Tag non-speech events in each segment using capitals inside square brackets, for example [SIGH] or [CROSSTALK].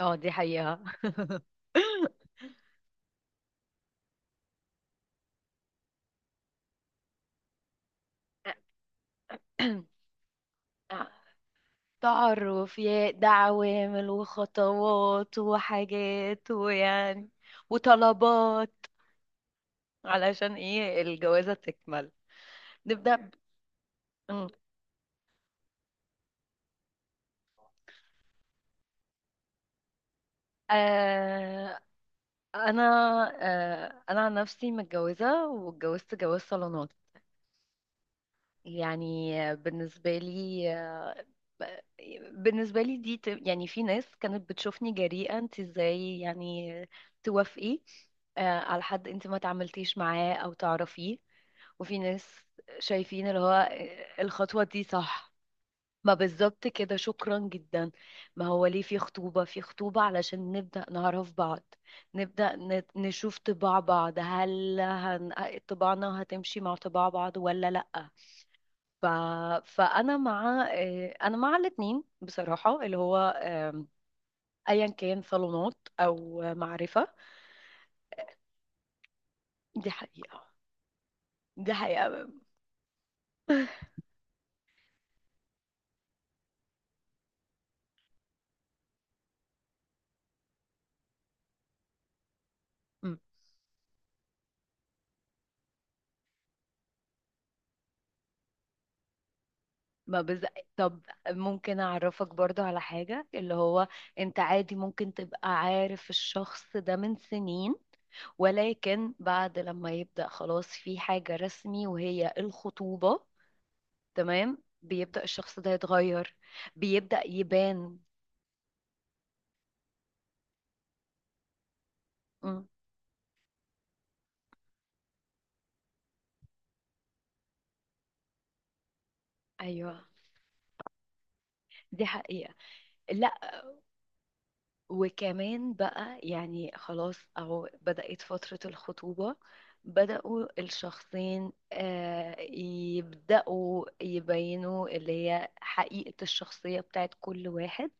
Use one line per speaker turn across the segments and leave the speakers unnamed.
اه، دي حقيقة. [CLEARS THROAT] تعرف يا ده، عوامل وخطوات وحاجات ويعني وطلبات علشان ايه الجوازة تكمل. نبدأ ب... م. آه... انا آه... انا عن نفسي متجوزة، واتجوزت جواز صالونات. يعني بالنسبة لي، بالنسبة لي دي يعني في ناس كانت بتشوفني جريئة: انت ازاي يعني توافقي على حد انت ما تعاملتيش معاه او تعرفيه؟ وفي ناس شايفين اللي هو الخطوة دي صح. ما بالظبط كده، شكرا جدا. ما هو ليه في خطوبة علشان نبدأ نعرف بعض، نبدأ نشوف طباع بعض. طباعنا هتمشي مع طباع بعض ولا لأ؟ ف... فانا مع آه، انا مع الاثنين بصراحه، اللي هو آم، ايا كان صالونات او معرفه. دي حقيقه، دي حقيقه. م- ما بز... طب، ممكن اعرفك برضو على حاجه، اللي هو انت عادي ممكن تبقى عارف الشخص ده من سنين، ولكن بعد لما يبدا خلاص في حاجه رسمي وهي الخطوبه، تمام، بيبدا الشخص ده يتغير، بيبدا يبان. م، ايوه، دي حقيقه. لا، وكمان بقى يعني خلاص أهو بدأت فترة الخطوبة، بدأوا الشخصين يبدأوا يبينوا اللي هي حقيقة الشخصية بتاعت كل واحد،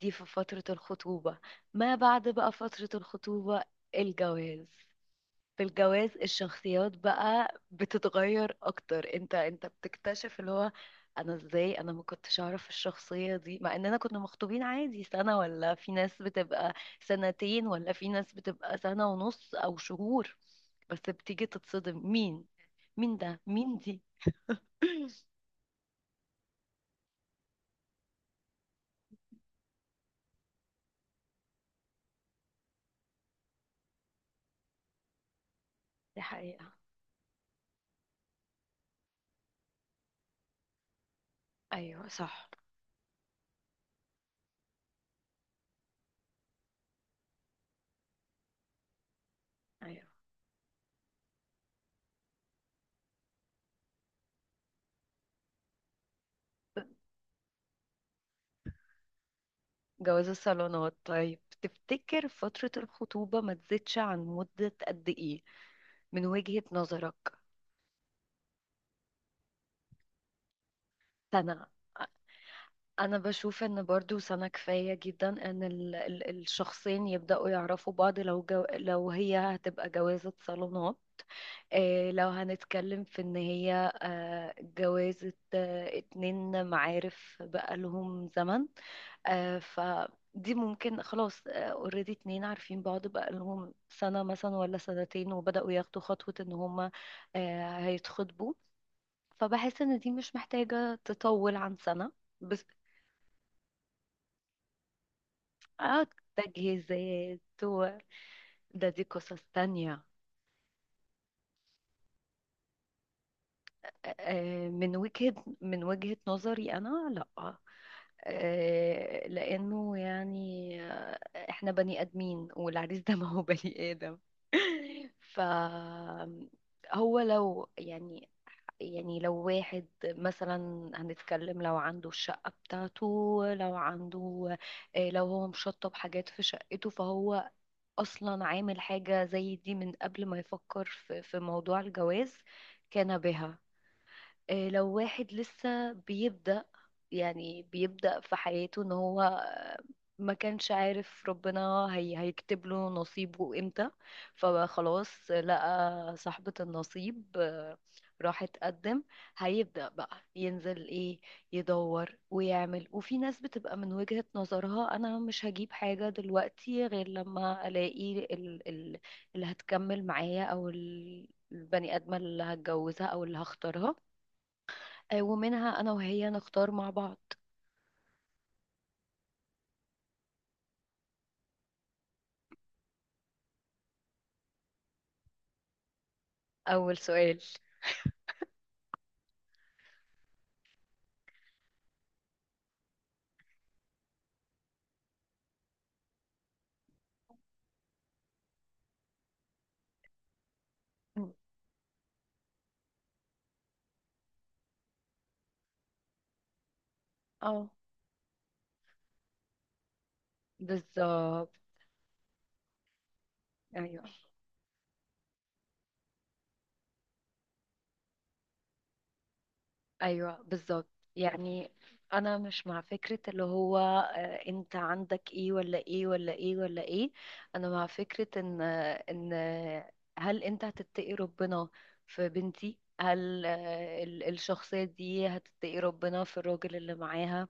دي في فترة الخطوبة. ما بعد بقى فترة الخطوبة، الجواز، في الجواز الشخصيات بقى بتتغير اكتر. انت بتكتشف اللي هو انا ازاي انا ما كنتش اعرف الشخصية دي. مع اننا كنا مخطوبين عادي سنة، ولا في ناس بتبقى سنتين، ولا في ناس بتبقى سنة ونص او شهور. بس بتيجي تتصدم: مين؟ مين ده؟ مين دي؟ [CLEARS THROAT] دي حقيقة. ايوه صح. ايوه جواز الصالونات. طيب تفتكر فترة الخطوبة ما تزيدش عن مدة قد ايه من وجهة نظرك؟ سنة. أنا بشوف إن برضو سنة كفاية جدا إن الشخصين يبدأوا يعرفوا بعض، لو هي هتبقى جوازة صالونات. إيه، لو هنتكلم في إن هي جوازة اتنين معارف بقالهم زمن، فدي ممكن خلاص اوريدي اتنين عارفين بعض بقالهم سنة مثلا ولا سنتين، وبدأوا ياخدوا خطوة إن هما هيتخطبوا. فبحس إن دي مش محتاجة تطول عن سنة. بس اه، تجهيزات دي قصص تانية. من وجهة نظري أنا، لأ. لأنه يعني إحنا بني آدمين، والعريس ده [LAUGHS] ما هو بني آدم. ف، هو لو يعني لو واحد مثلا، هنتكلم لو عنده الشقة بتاعته، لو عنده آه، لو هو مشطب حاجات في شقته، فهو أصلا عامل حاجة زي دي من قبل ما يفكر في موضوع الجواز، كان بها. لو واحد لسه بيبدأ، يعني بيبدأ في حياته ان هو ما كانش عارف ربنا هي هيكتب له نصيبه امتى، فخلاص لقى صاحبة النصيب، راح اتقدم، هيبدأ بقى ينزل ايه، يدور ويعمل. وفي ناس بتبقى من وجهة نظرها انا مش هجيب حاجة دلوقتي غير لما الاقي ال ال اللي هتكمل معايا، او البني آدمة اللي هتجوزها او اللي هختارها، ومنها انا وهي نختار مع بعض. اول سؤال. م. اه، بالظبط. ايوه، ايوه بالظبط. يعني انا مش مع فكرة اللي هو انت عندك ايه ولا ايه ولا ايه ولا ايه. انا مع فكرة ان هل انت هتتقي ربنا في بنتي؟ هل الشخصية دي هتتقي ربنا في الراجل اللي معاها؟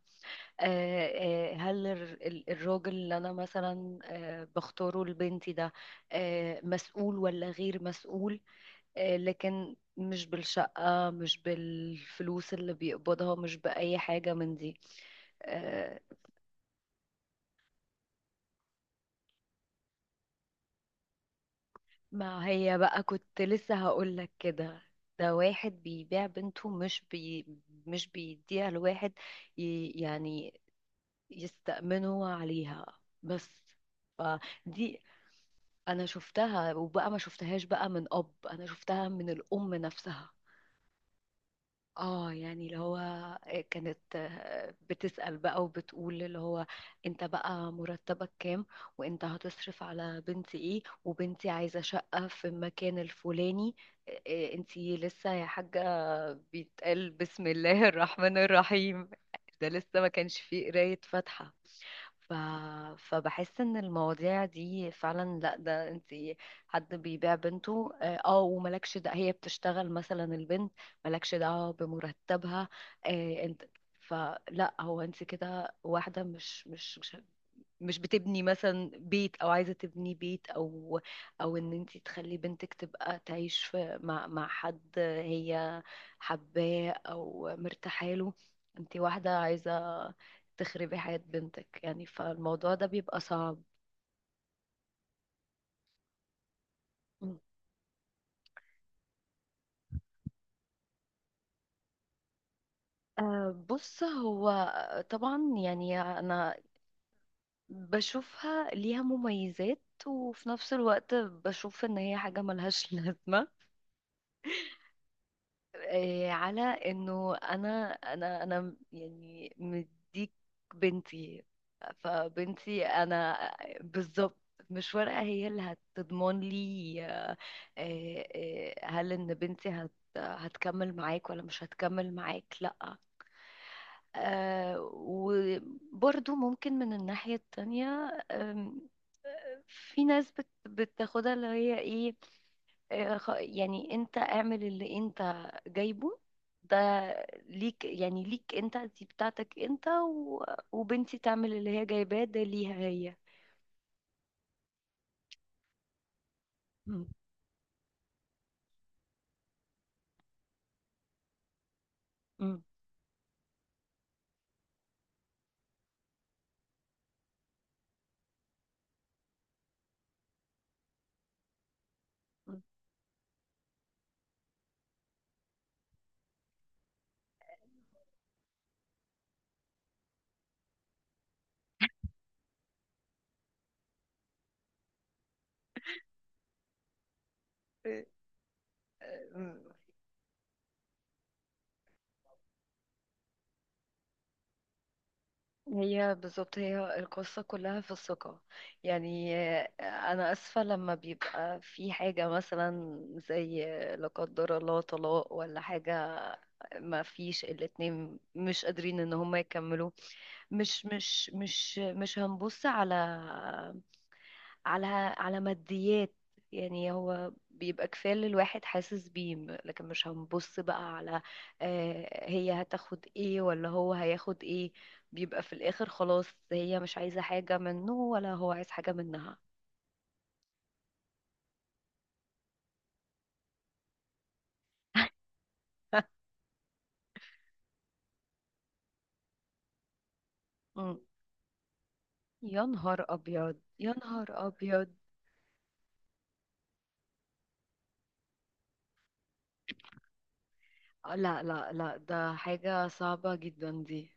هل الراجل اللي انا مثلا بختاره لبنتي ده مسؤول ولا غير مسؤول؟ لكن مش بالشقة، مش بالفلوس اللي بيقبضها، مش بأي حاجة من دي. آه، ما هي بقى كنت لسه هقولك كده: ده واحد بيبيع بنته، مش بيديها لواحد يعني يستأمنوا عليها بس. فدي انا شفتها، وبقى ما شفتهاش بقى من اب، انا شفتها من الام نفسها. اه يعني اللي هو كانت بتسأل بقى وبتقول اللي هو: انت بقى مرتبك كام؟ وانت هتصرف على بنتي ايه؟ وبنتي عايزة شقة في المكان الفلاني. إيه انتي لسه يا حاجة؟ بيتقال بسم الله الرحمن الرحيم! ده لسه ما كانش فيه قراية فاتحة. ف... فبحس ان المواضيع دي فعلا، لا، ده انت حد بيبيع بنته! وملكش، ده هي بتشتغل مثلا البنت، ملكش دعوة بمرتبها. انت، فلا هو انت كده، واحدة مش بتبني مثلا بيت، او عايزه تبني بيت، او ان انت تخلي بنتك تبقى تعيش في مع حد هي حباه او مرتاحه له. انت واحده عايزه تخربي حياه بنتك يعني. فالموضوع ده بيبقى صعب. مم. بص، هو طبعا يعني انا بشوفها ليها مميزات، وفي نفس الوقت بشوف ان هي حاجه ملهاش [LAUGHS] لازمه. إيه، على انه انا انا انا يعني مديك بنتي، فبنتي انا. بالظبط، مش ورقة هي اللي هتضمن لي هل ان بنتي هت، هتكمل معاك ولا مش هتكمل معاك؟ لا. وبرضو ممكن من الناحية التانية. آم، في ناس بتاخدها اللي هي ايه، يعني انت اعمل اللي انت جايبه ده ليك، يعني ليك انت، دي بتاعتك انت و... وبنتي تعمل اللي هي جايباه ده ليها هي. مم. مم. مم. إيه، آه، هي بالظبط هي القصة كلها في الثقة. يعني أنا آسفة، لما بيبقى في حاجة مثلا زي لا قدر الله طلاق ولا حاجة، ما فيش الاتنين مش قادرين إن هما يكملوها، مش هنبص على على على ماديات. يعني هو بيبقى كفاية اللي الواحد حاسس بيه، لكن مش هنبص بقى على هي هتاخد ايه ولا هو هياخد ايه. بيبقى في الآخر خلاص هي مش عايزة حاجة منه ولا هو عايز حاجة منها. [LAUGHS] مم. يا نهار أبيض، يا نهار أبيض. لا لا لا، ده حاجة صعبة جدا دي.